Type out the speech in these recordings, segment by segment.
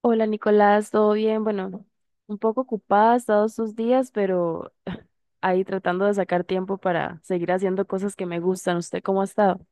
Hola Nicolás, ¿todo bien? Bueno, un poco ocupada todos estos días, pero ahí tratando de sacar tiempo para seguir haciendo cosas que me gustan. ¿Usted cómo ha estado?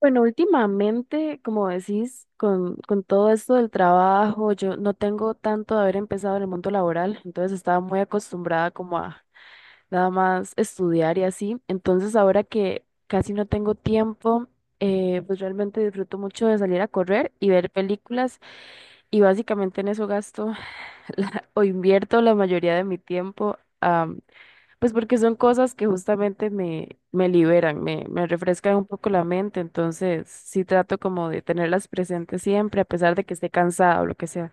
Bueno, últimamente, como decís, con todo esto del trabajo, yo no tengo tanto de haber empezado en el mundo laboral, entonces estaba muy acostumbrada como a nada más estudiar y así. Entonces ahora que casi no tengo tiempo, pues realmente disfruto mucho de salir a correr y ver películas y básicamente en eso gasto o invierto la mayoría de mi tiempo. Pues porque son cosas que justamente me liberan, me refrescan un poco la mente, entonces sí trato como de tenerlas presentes siempre, a pesar de que esté cansada o lo que sea.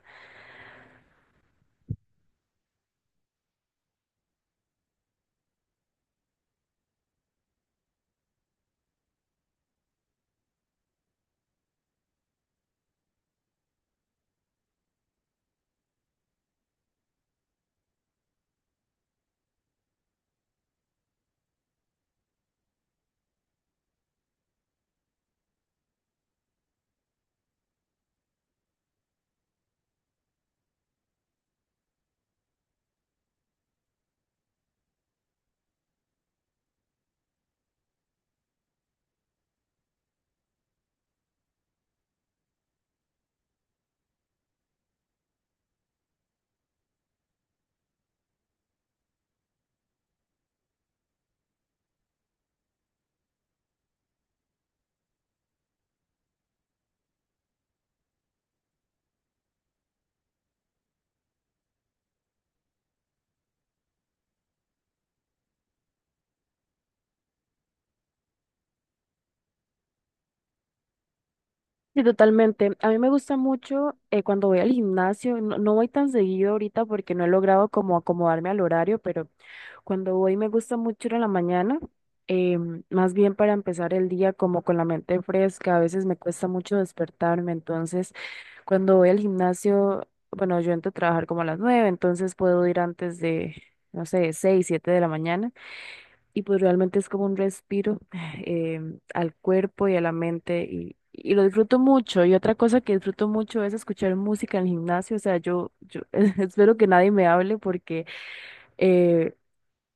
Sí, totalmente. A mí me gusta mucho cuando voy al gimnasio. No, no voy tan seguido ahorita porque no he logrado como acomodarme al horario, pero cuando voy me gusta mucho ir a la mañana. Más bien para empezar el día como con la mente fresca, a veces me cuesta mucho despertarme, entonces... Cuando voy al gimnasio, bueno, yo entro a trabajar como a las 9, entonces puedo ir antes de, no sé, 6, 7 de la mañana. Y pues realmente es como un respiro, al cuerpo y a la mente, y lo disfruto mucho. Y otra cosa que disfruto mucho es escuchar música en el gimnasio. O sea, yo espero que nadie me hable porque eh,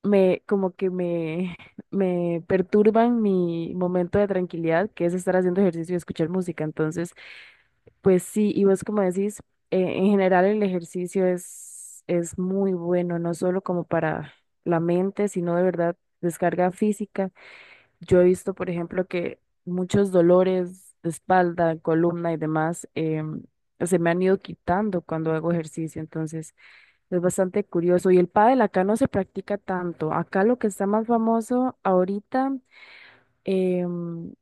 como que me perturban mi momento de tranquilidad, que es estar haciendo ejercicio y escuchar música. Entonces... Pues sí, y vos como decís, en general el ejercicio es muy bueno, no solo como para la mente, sino de verdad descarga física. Yo he visto, por ejemplo, que muchos dolores de espalda, columna y demás se me han ido quitando cuando hago ejercicio, entonces es bastante curioso. Y el pádel acá no se practica tanto. Acá lo que está más famoso ahorita, em,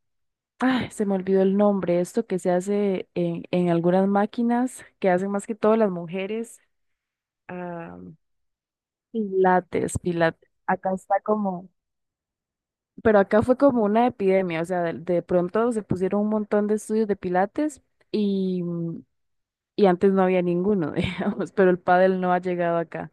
ay, se me olvidó el nombre. Esto que se hace en algunas máquinas, que hacen más que todo las mujeres. ah, Pilates, pilates. Acá está como... Pero acá fue como una epidemia. O sea, de pronto se pusieron un montón de estudios de pilates y, y antes no había ninguno, digamos, pero el pádel no ha llegado acá.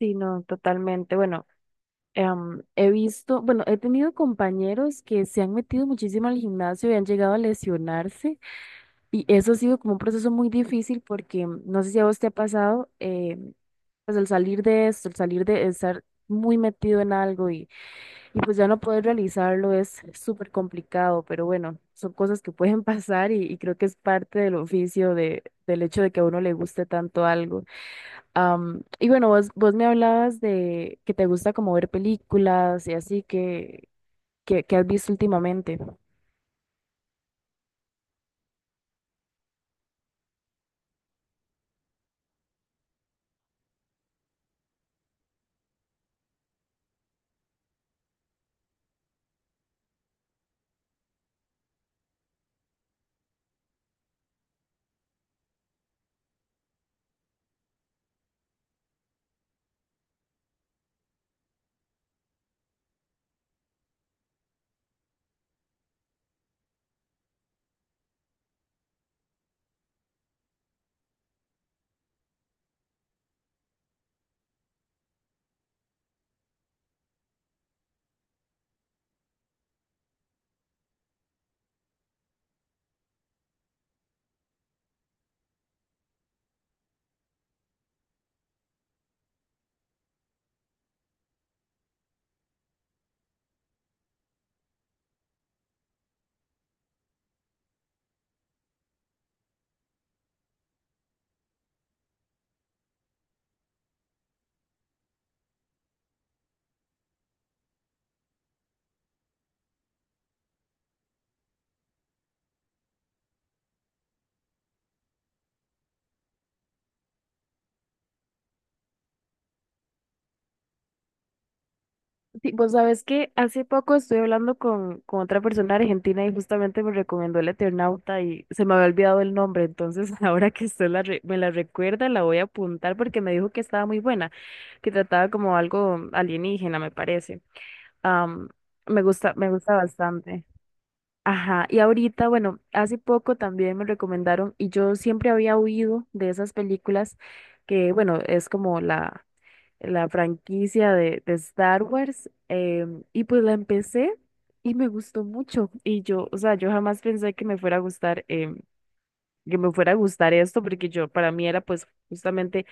Sí, no, totalmente. Bueno, he visto, bueno, he tenido compañeros que se han metido muchísimo al gimnasio y han llegado a lesionarse. Y eso ha sido como un proceso muy difícil porque mm, no sé si a vos te ha pasado. Pues el salir de esto, el salir de estar muy metido en algo, y pues ya no poder realizarlo es súper complicado, pero bueno, son cosas que pueden pasar, y creo que es parte del oficio de, del hecho de que a uno le guste tanto algo. Y bueno, vos me hablabas de que te gusta como ver películas y así, que, ¿que has visto últimamente? Sí, vos sabés que hace poco estuve hablando con otra persona argentina y justamente me recomendó El Eternauta y se me había olvidado el nombre, entonces ahora que usted me la recuerda, la voy a apuntar porque me dijo que estaba muy buena, que trataba como algo alienígena, me parece. Am, Me gusta, me gusta bastante. Ajá. Y ahorita, bueno, hace poco también me recomendaron, y yo siempre había oído de esas películas que, bueno, es como la franquicia de Star Wars, y pues la empecé y me gustó mucho. Y yo, o sea, yo jamás pensé que me fuera a gustar, esto, porque yo, para mí, era pues justamente,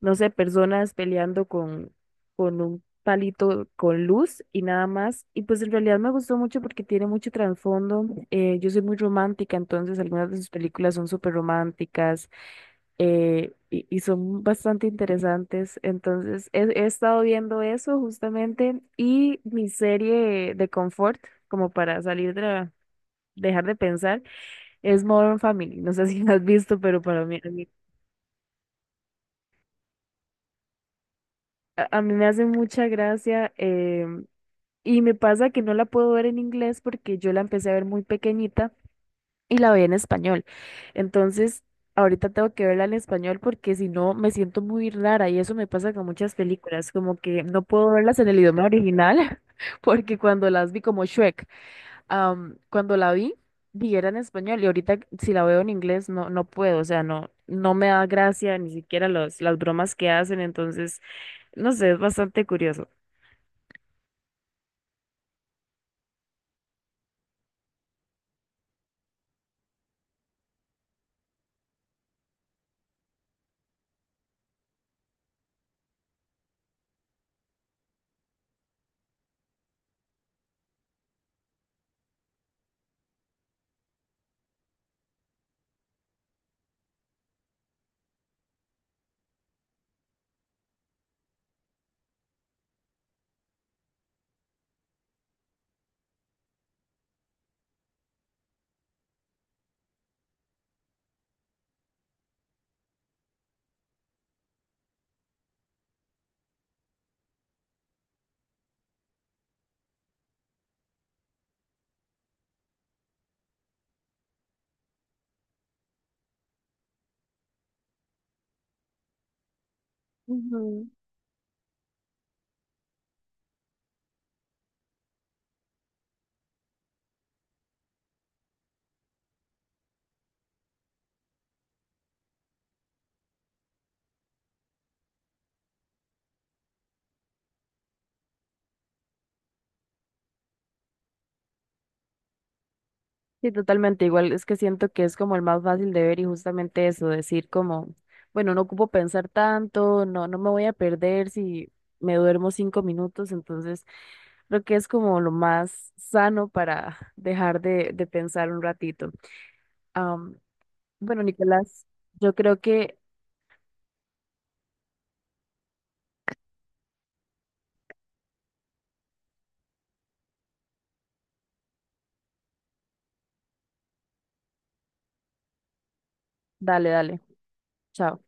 no sé, personas peleando con un palito con luz y nada más. Y pues en realidad me gustó mucho porque tiene mucho trasfondo. Yo soy muy romántica, entonces algunas de sus películas son súper románticas, y son bastante interesantes. Entonces, he estado viendo eso justamente. Y mi serie de confort, como para dejar de pensar, es Modern Family. No sé si la has visto, pero para mí, a mí, a mí me hace mucha gracia. Y me pasa que no la puedo ver en inglés porque yo la empecé a ver muy pequeñita, y la veía en español. Entonces, ahorita tengo que verla en español porque si no me siento muy rara. Y eso me pasa con muchas películas, como que no puedo verlas en el idioma original. Porque cuando las vi, como Shrek, am, cuando la vi, vi era en español, y ahorita si la veo en inglés no, no puedo, o sea, no no me da gracia ni siquiera las bromas que hacen. Entonces, no sé, es bastante curioso. Sí, totalmente. Igual, es que siento que es como el más fácil de ver y justamente eso, decir como, bueno, no ocupo pensar tanto, no, no me voy a perder si me duermo 5 minutos, entonces creo que es como lo más sano para dejar de pensar un ratito. Am, bueno, Nicolás, yo creo que, dale, dale, chao.